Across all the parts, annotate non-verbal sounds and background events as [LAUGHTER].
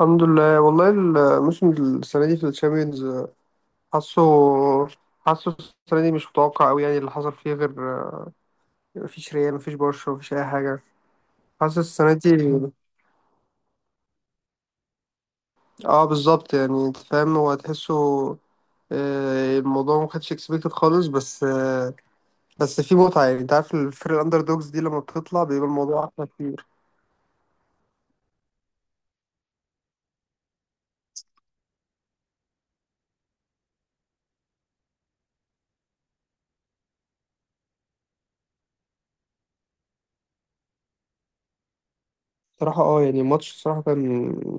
الحمد لله والله. الموسم السنة دي في الشامبيونز. حاسه حاسه السنة دي مش متوقع أوي، يعني اللي حصل فيه غير، مفيش ريال مفيش برشا مفيش أي حاجة. حاسس السنة دي. اه بالظبط، يعني انت فاهم هو تحسه. الموضوع ما كانش اكسبكتد خالص، بس بس في متعة، يعني انت عارف الفرق الأندر دوجز دي لما بتطلع بيبقى الموضوع أحلى كتير. صراحة اه، يعني الماتش صراحة كان،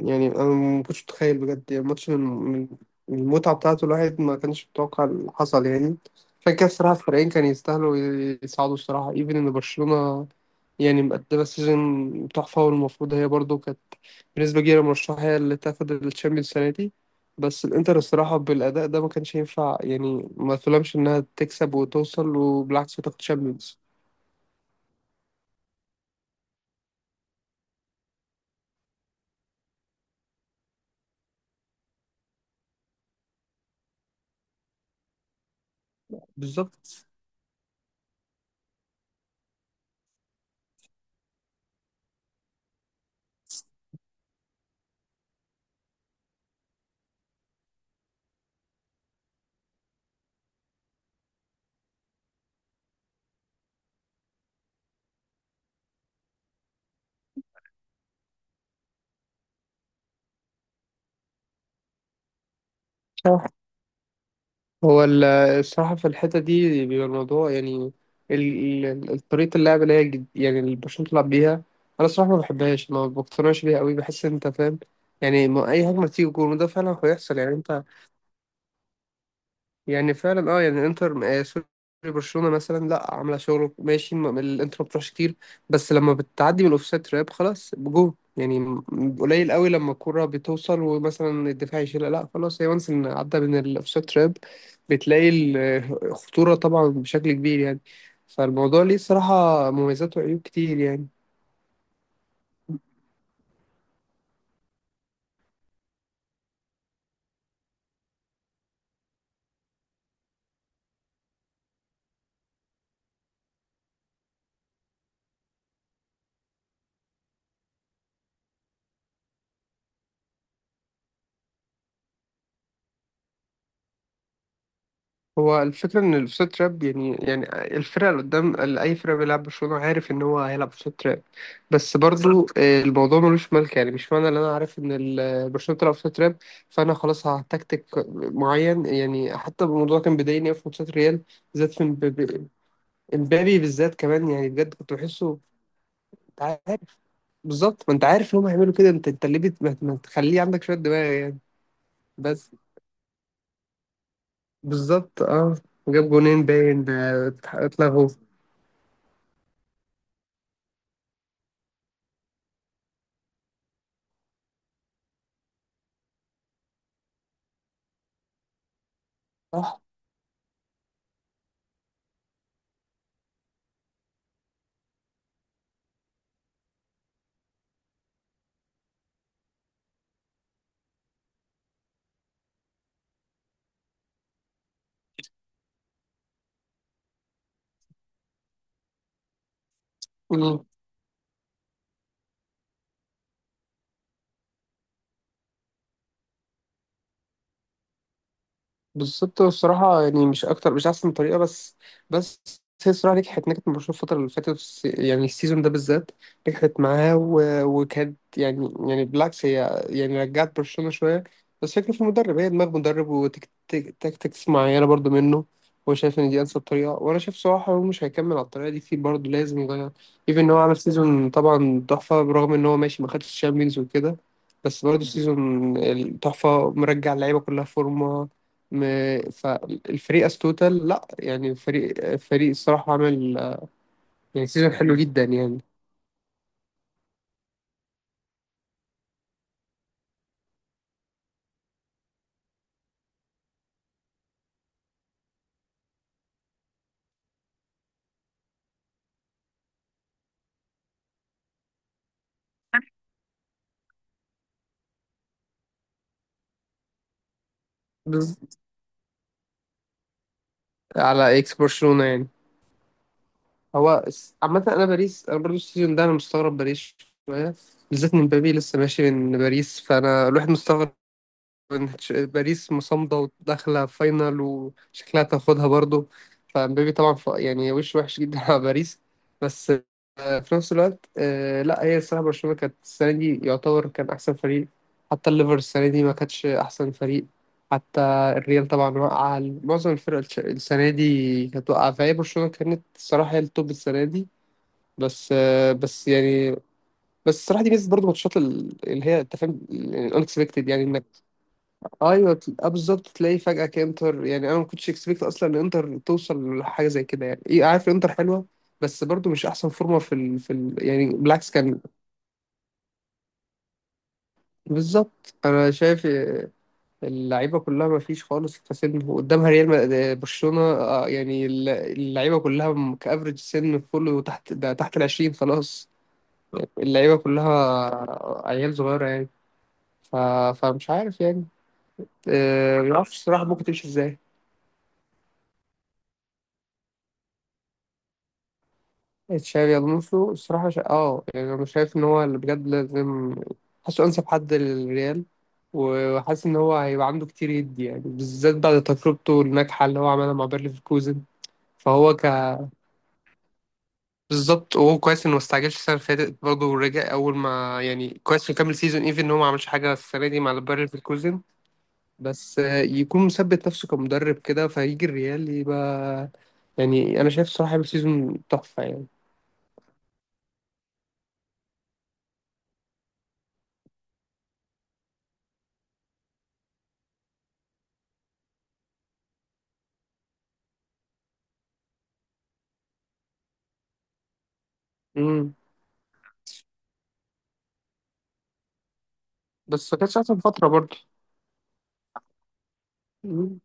يعني انا ما كنتش متخيل بجد، يعني الماتش من المتعة بتاعته، الواحد ما كانش متوقع اللي حصل يعني. عشان كده الصراحة الفريقين كانوا يستاهلوا يصعدوا، الصراحة ايفن ان برشلونة يعني مقدمة سيزون تحفة، والمفروض هي برضو كانت بنسبة كبيرة مرشحة هي اللي تاخد الشامبيونز السنة دي. بس الانتر الصراحة بالأداء ده ما كانش ينفع، يعني ما تلومش انها تكسب وتوصل وبالعكس وتاخد شامبيونز. بالظبط. [LAUGHS] هو ال- الصراحة في الحتة دي بيبقى الموضوع يعني، طريقة اللعب اللي هي يعني اللي برشلونة بتلعب بيها. أنا الصراحة ما بحبهاش، ما بقتنعش بيها قوي، بحس إن أنت فاهم، يعني ما أي هجمة تيجي جول، وده فعلا هيحصل يعني أنت. يعني فعلا اه، يعني انتر، سوري، برشلونة مثلا لا عاملة شغل ماشي، الانتر ما بتروحش كتير، بس لما بتعدي من الاوفسايد تراب خلاص بجول، يعني قليل قوي لما الكرة بتوصل ومثلا الدفاع يشيلها، لا خلاص هي وانس ان عدى من الاوفسايد تراب. بتلاقي الخطورة طبعا بشكل كبير يعني، فالموضوع ليه صراحة مميزات وعيوب كتير يعني. هو الفكرة إن الأوفسايد تراب يعني، يعني الفرقة اللي قدام، اللي أي فرقة بيلعب برشلونة عارف إن هو هيلعب أوفسايد تراب، بس برضو الموضوع ملوش ملك، يعني مش معنى إن أنا عارف إن برشلونة بتلعب أوفسايد تراب فأنا خلاص هتكتك معين، يعني حتى الموضوع كان بيضايقني أوي في ماتشات ريال، بالذات في إمبابي. إمبابي بالذات كمان، يعني بجد كنت بحسه. أنت عارف بالظبط، ما أنت عارف إن هم هيعملوا كده، أنت ليه ما تخليه عندك شوية دماغ يعني. بس بالظبط أه، جاب جونين باين اتلغوا. صح بالظبط، الصراحة يعني مش أكتر، مش أحسن طريقة، بس بس هي الصراحة نجحت مع برشلونة الفترة اللي فاتت، يعني السيزون ده بالذات نجحت معاه. وكانت يعني بالعكس، هي يعني رجعت برشلونة شوية. بس فكرة في المدرب، هي دماغ مدرب وتكتكس معينة برضو منه. هو شايف إن دي أنسب طريقة، وأنا شايف صراحة هو مش هيكمل على الطريقة دي كتير، برضه لازم يغير. إيفن إن هو عمل سيزون طبعا تحفة، برغم إن هو ماشي ما خدش الشامبيونز وكده، بس برضه سيزون التحفة مرجع اللعيبة كلها فورمة، فالفريق استوتل، لا يعني فريق فريق الصراحة عمل، يعني سيزون حلو جدا يعني. بز... على اكس برشلونة يعني. هو عامة، انا باريس، انا برضو السيزون ده انا مستغرب باريس شوية، بالذات ان مبابي لسه ماشي من باريس، فانا الواحد مستغرب ان باريس مصمدة وداخلة فاينل وشكلها تاخدها برضو. فمبابي طبعا، يعني وش وحش جدا على باريس. بس في نفس الوقت لا، هي الصراحة برشلونة كانت السنة دي يعتبر كان أحسن فريق، حتى الليفر السنة دي ما كانتش أحسن فريق، حتى الريال طبعا وقع، معظم الفرق السنة دي كانت واقعة، فهي برشلونة كانت الصراحة هي التوب السنة دي. بس بس يعني، بس الصراحة دي ميزة برضه ماتشات اللي هي أنت فاهم الأنكسبكتد، يعني إنك أيوه بالظبط تلاقي فجأة كإنتر، يعني أنا ما كنتش إكسبكت أصلا إن إنتر توصل لحاجة زي كده، يعني إيه عارف إنتر حلوة، بس برضه مش احسن فورمه يعني بالعكس كان. بالظبط انا شايف اللعيبه كلها ما فيش خالص كسن قدامها، ريال برشلونه يعني اللعيبه كلها، كافريج سن كله تحت، ده تحت العشرين خلاص. اللعيبه كلها عيال صغيره يعني. ف... فمش عارف يعني، ما اعرفش الصراحه ممكن تمشي ازاي. تشافي الونسو الصراحه اه يعني انا شايف ان هو اللي بجد لازم، حاسه انسب حد للريال، وحاسس ان هو هيبقى عنده كتير يدي، يعني بالذات بعد تجربته الناجحه اللي هو عملها مع بيرليفكوزن. فهو ك بالظبط، وهو كويس انه ما استعجلش السنه اللي فاتت برضه، ورجع اول ما يعني كويس انه كمل سيزون، ايفن ان هو ما عملش حاجه السنه دي مع البايرن في الكوزن. بس يكون مثبت نفسه كمدرب كده، فيجي الريال يبقى، يعني انا شايف الصراحه هيبقى سيزون تحفه يعني. امم بس ما كانتش احسن فتره برضه. مم.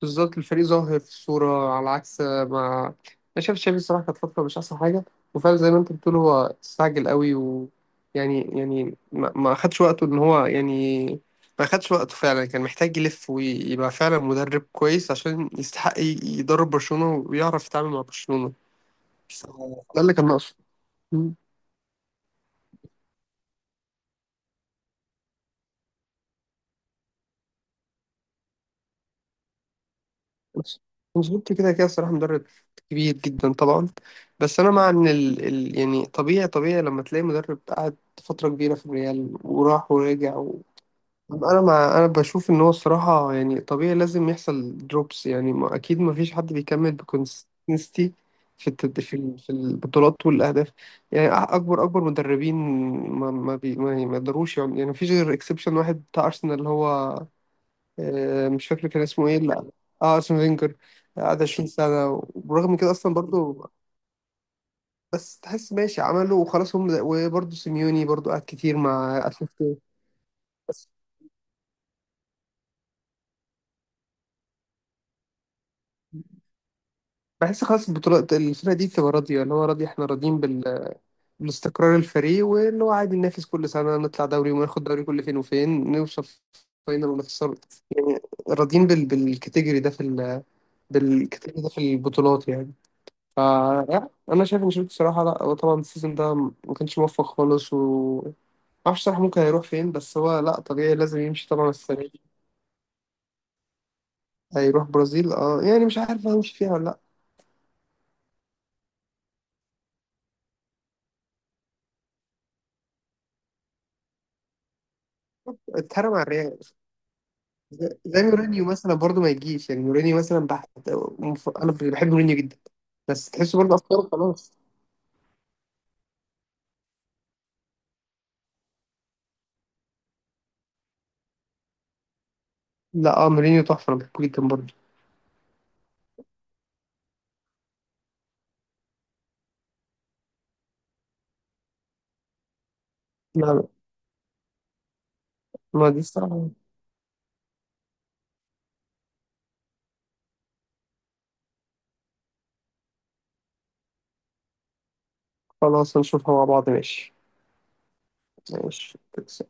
بالظبط الفريق ظاهر في الصورة على عكس ما، أنا شايف تشافي الصراحة كانت فترة مش أحسن حاجة، وفعلا زي ما أنت بتقول هو استعجل قوي، و يعني ما أخدش وقته إن هو، يعني ما أخدش وقته فعلا، كان محتاج يلف ويبقى فعلا مدرب كويس عشان يستحق يدرب برشلونة ويعرف يتعامل مع برشلونة. ف- ده اللي كان ناقصه. انشيلوتي كده كده الصراحة مدرب كبير جدا طبعا، بس أنا مع إن يعني طبيعي طبيعي لما تلاقي مدرب قعد فترة كبيرة في الريال وراح ورجع أنا بشوف إن هو الصراحة، يعني طبيعي لازم يحصل دروبس، يعني ما... أكيد ما فيش حد بيكمل بكونسستنسي في الت... في ال... في البطولات والأهداف، يعني أكبر أكبر مدربين ما يقدروش، يعني ما فيش غير إكسبشن واحد بتاع أرسنال اللي هو مش فاكر كان اسمه ايه، لا. اه اسمه فينجر، قعد 20 سنة، وبرغم من كده اصلا برضو، بس تحس ماشي عمله وخلاص هم، وبرضو سيميوني برضو قعد كتير مع اتلتيكو. بس بحس خلاص البطولات الفرقة دي بتبقى راضية، اللي هو راضي، احنا راضيين بالاستقرار الفريق، واللي هو عادي ننافس كل سنة نطلع دوري وناخد دوري، كل فين وفين نوصل فاينل ونخسر يعني، راضيين بالكاتيجوري ده في البطولات يعني. ف لا، انا شايف ان شيرين الصراحه، لا هو طبعا السيزون ده ما كانش موفق خالص، و ما اعرفش صراحه ممكن هيروح فين، بس هو لا طبيعي لازم يمشي طبعا السنه دي. هيروح برازيل، اه يعني مش عارف هيمشي فيها ولا لا. اتهرب على الريال. زي مورينيو مثلا برضه ما يجيش، يعني مورينيو مثلا انا بحب مورينيو جدا، بس تحسه برضه افكاره خلاص. لا اه مورينيو تحفه، انا بحبه جدا برضه. لا، لا، ما دي الصراحه. خلاص هنشوفها مع بعض، ماشي. ماشي.